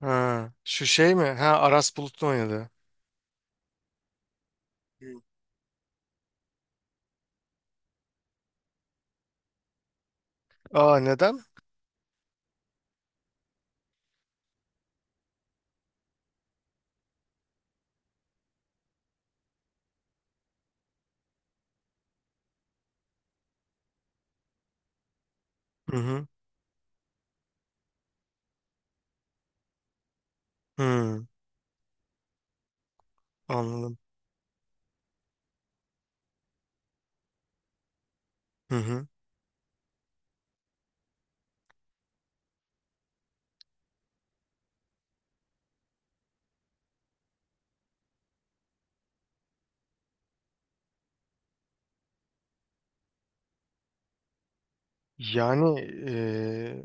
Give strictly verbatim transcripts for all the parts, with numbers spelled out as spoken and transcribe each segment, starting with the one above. Ha, şu şey mi? Ha Aras Bulut'un oynadı. Hı. Aa neden? Hı hı. Hı, anladım. Hı hı. Yani eee,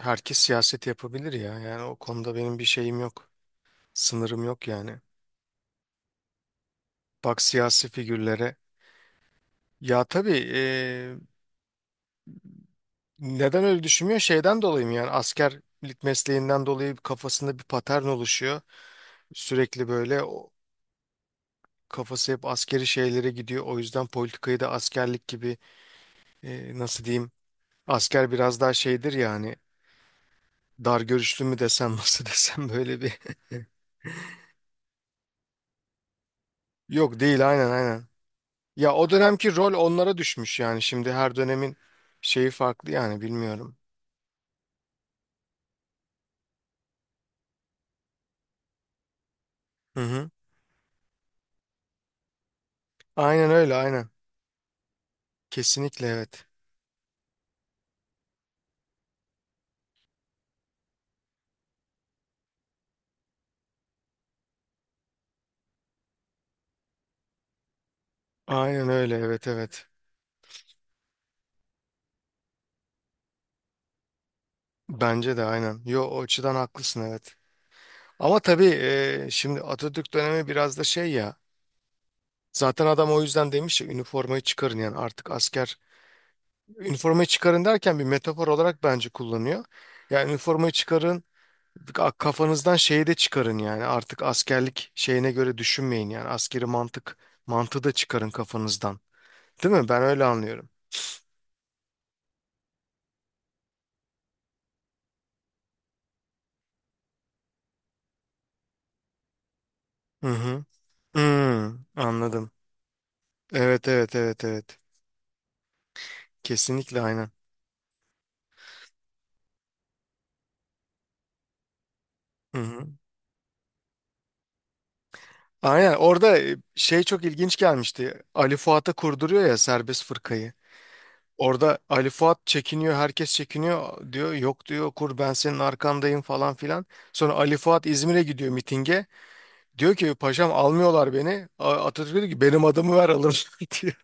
herkes siyaset yapabilir ya. Yani o konuda benim bir şeyim yok. Sınırım yok yani. Bak siyasi figürlere. Ya tabii eee, neden öyle düşünmüyor? Şeyden dolayı mı yani askerlik mesleğinden dolayı kafasında bir patern oluşuyor. Sürekli böyle o kafası hep askeri şeylere gidiyor. O yüzden politikayı da askerlik gibi eee, nasıl diyeyim. Asker biraz daha şeydir ya hani dar görüşlü mü desem nasıl desem böyle bir. Yok değil aynen aynen. Ya o dönemki rol onlara düşmüş yani şimdi her dönemin şeyi farklı yani bilmiyorum. Hı hı. Aynen öyle aynen. Kesinlikle evet. Aynen öyle evet evet. Bence de aynen. Yo o açıdan haklısın evet. Ama tabii e, şimdi Atatürk dönemi biraz da şey ya. Zaten adam o yüzden demiş ya üniformayı çıkarın yani artık asker üniformayı çıkarın derken bir metafor olarak bence kullanıyor. Yani üniformayı çıkarın, ka- kafanızdan şeyi de çıkarın yani artık askerlik şeyine göre düşünmeyin yani askeri mantık mantığı da çıkarın kafanızdan. Değil mi? Ben öyle anlıyorum. Hı hı. Hmm, anladım. Evet evet evet evet. Kesinlikle aynen. Hı hı. Aynen orada e, şey çok ilginç gelmişti. Ali Fuat'a kurduruyor ya serbest fırkayı. Orada Ali Fuat çekiniyor, herkes çekiniyor diyor. Yok diyor kur ben senin arkandayım falan filan. Sonra Ali Fuat İzmir'e gidiyor mitinge. Diyor ki paşam almıyorlar beni. A- Atatürk diyor ki benim adımı ver alın diyor.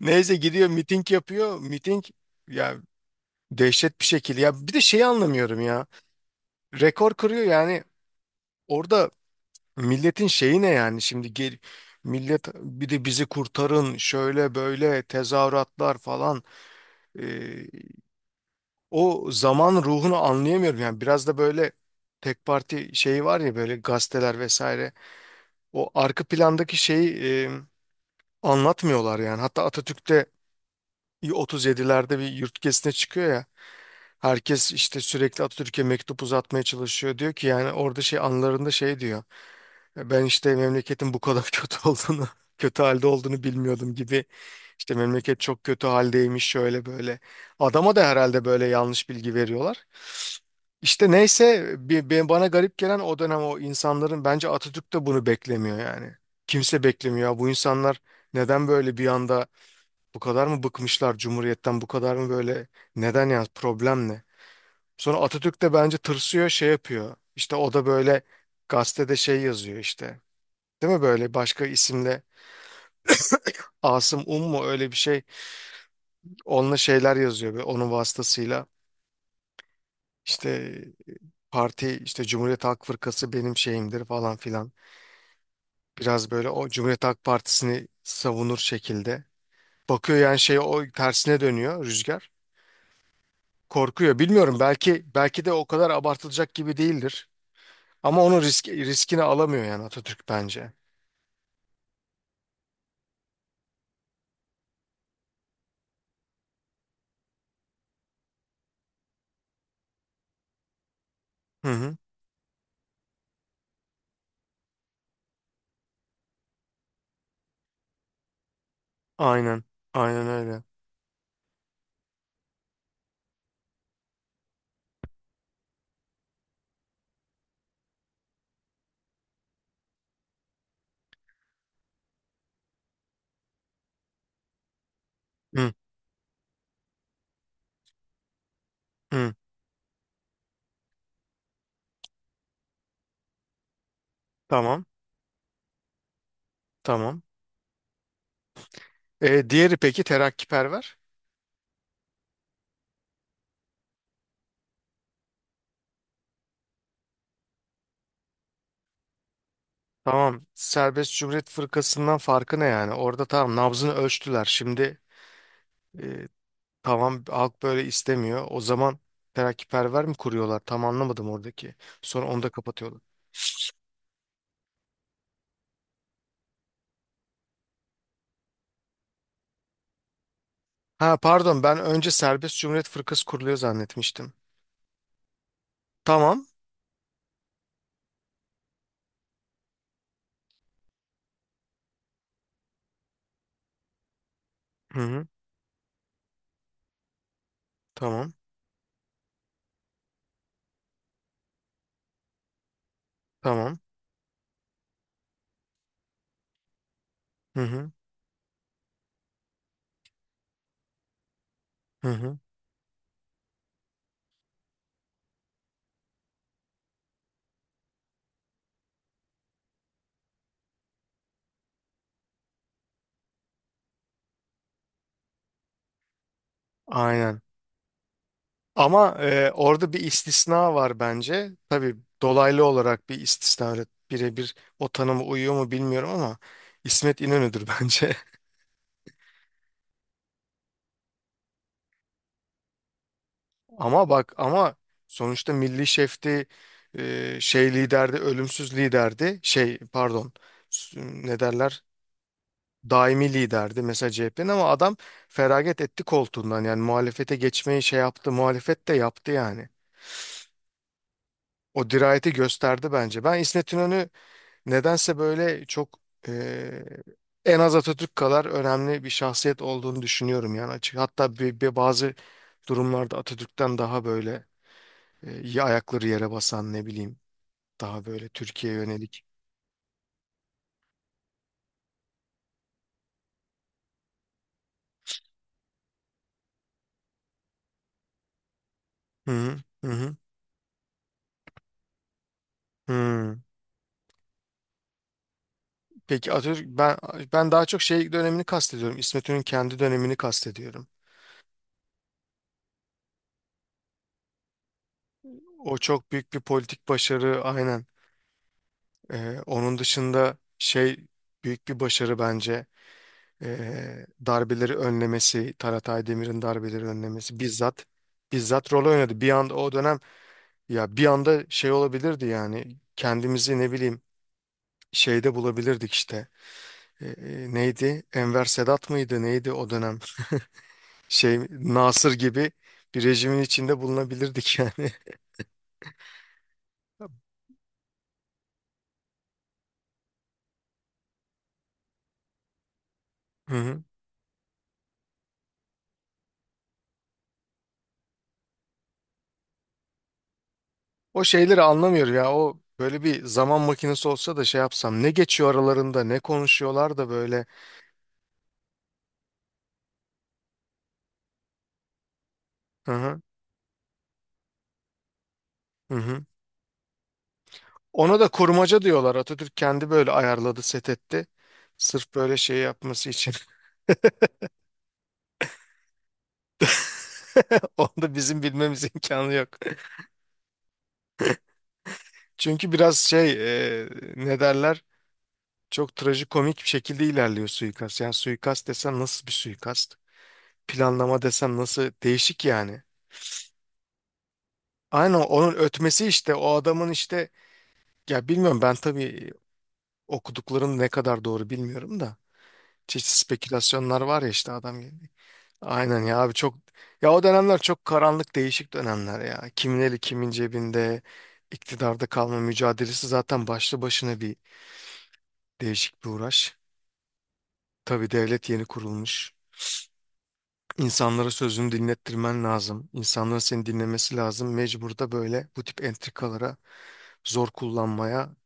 Neyse gidiyor miting yapıyor. Miting ya dehşet bir şekilde. Ya bir de şeyi anlamıyorum ya. Rekor kırıyor yani. Orada milletin şeyi ne yani şimdi gel millet bir de bizi kurtarın şöyle böyle tezahüratlar falan. O zaman ruhunu anlayamıyorum. Yani biraz da böyle tek parti şeyi var ya böyle gazeteler vesaire. O arka plandaki şeyi e, anlatmıyorlar yani. Hatta Atatürk'te otuz yedilerde bir yurt gezisine çıkıyor ya. Herkes işte sürekli Atatürk'e mektup uzatmaya çalışıyor. Diyor ki yani orada şey anılarında şey diyor. "E, Ben işte memleketin bu kadar kötü olduğunu, kötü halde olduğunu bilmiyordum gibi. İşte memleket çok kötü haldeymiş şöyle böyle. Adama da herhalde böyle yanlış bilgi veriyorlar. İşte neyse bi- bi- bana garip gelen o dönem o insanların bence Atatürk de bunu beklemiyor yani. Kimse beklemiyor. Ya bu insanlar neden böyle bir anda bu kadar mı bıkmışlar Cumhuriyet'ten? Bu kadar mı böyle neden ya problem ne? Sonra Atatürk de bence tırsıyor şey yapıyor. İşte o da böyle gazetede şey yazıyor işte. Değil mi böyle başka isimle Asım Um mu öyle bir şey. Onunla şeyler yazıyor ve onun vasıtasıyla işte parti işte Cumhuriyet Halk Fırkası benim şeyimdir falan filan. Biraz böyle o Cumhuriyet Halk Partisi'ni savunur şekilde. Bakıyor yani şey o tersine dönüyor rüzgar. Korkuyor. Bilmiyorum belki belki de o kadar abartılacak gibi değildir. Ama onun risk, riskini alamıyor yani Atatürk bence. Hı hı. Aynen. Aynen öyle. Hı hı. Tamam. Tamam. E, diğeri peki terakkiperver? Tamam. Serbest Cumhuriyet Fırkası'ndan farkı ne yani? Orada tamam nabzını ölçtüler. Şimdi e, tamam halk böyle istemiyor. O zaman terakkiperver mi kuruyorlar? Tam anlamadım oradaki. Sonra onu da kapatıyorlar. Ha pardon ben önce Serbest Cumhuriyet Fırkası kuruluyor zannetmiştim. Tamam. Hı hı. Tamam. Tamam. Hı hı. Hı hı. Aynen. Ama e, orada bir istisna var bence. Tabii dolaylı olarak bir istisna. Öyle birebir o tanıma uyuyor mu bilmiyorum ama İsmet İnönü'dür bence. Ama bak ama sonuçta milli şefti e, şey liderdi, ölümsüz liderdi. Şey pardon s- ne derler? Daimi liderdi mesela C H P'nin ama adam feragat etti koltuğundan yani muhalefete geçmeyi şey yaptı muhalefet de yaptı yani. O dirayeti gösterdi bence. Ben İsmet İnönü nedense böyle çok e, en az Atatürk kadar önemli bir şahsiyet olduğunu düşünüyorum yani açık. Hatta bir, bir bazı durumlarda Atatürk'ten daha böyle e, iyi ayakları yere basan ne bileyim daha böyle Türkiye'ye yönelik. Hı hı hı hı. Hı. Peki Atatürk ben ben daha çok şey dönemini kastediyorum. İsmet İnönü'nün kendi dönemini kastediyorum. O çok büyük bir politik başarı aynen. Ee, onun dışında şey büyük bir başarı bence ee, darbeleri önlemesi, Taratay Demir'in darbeleri önlemesi bizzat bizzat rol oynadı. Bir anda o dönem ya bir anda şey olabilirdi yani kendimizi ne bileyim şeyde bulabilirdik işte. Ee, neydi? Enver Sedat mıydı? Neydi o dönem? Şey Nasır gibi bir rejimin içinde bulunabilirdik yani. Hı hı. O şeyleri anlamıyor ya. O böyle bir zaman makinesi olsa da şey yapsam. Ne geçiyor aralarında, ne konuşuyorlar da böyle. Hı hı, hı hı. Ona da kurmaca diyorlar. Atatürk kendi böyle ayarladı, set etti. Sırf böyle şey yapması için. Onu da bizim bilmemiz imkanı yok. Çünkü biraz şey, e, ne derler? Çok trajikomik bir şekilde ilerliyor suikast. Yani suikast desen nasıl bir suikast? Planlama desen nasıl? Değişik yani. Aynen onun ötmesi işte o adamın işte ya bilmiyorum ben tabii okuduklarım ne kadar doğru bilmiyorum da çeşitli spekülasyonlar var ya işte adam gibi. Aynen ya abi çok ya o dönemler çok karanlık değişik dönemler ya. Kimin eli kimin cebinde iktidarda kalma mücadelesi zaten başlı başına bir değişik bir uğraş. Tabii devlet yeni kurulmuş. İnsanlara sözünü dinlettirmen lazım. İnsanların seni dinlemesi lazım. Mecbur da böyle bu tip entrikalara zor kullanmaya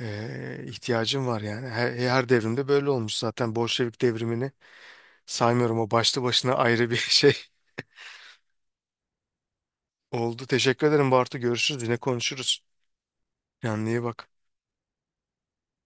eee, ihtiyacın var yani. Her, her devrimde böyle olmuş zaten. Bolşevik devrimini saymıyorum o başlı başına ayrı bir şey oldu. Teşekkür ederim Bartu. Görüşürüz. Yine konuşuruz. Kendine iyi bak.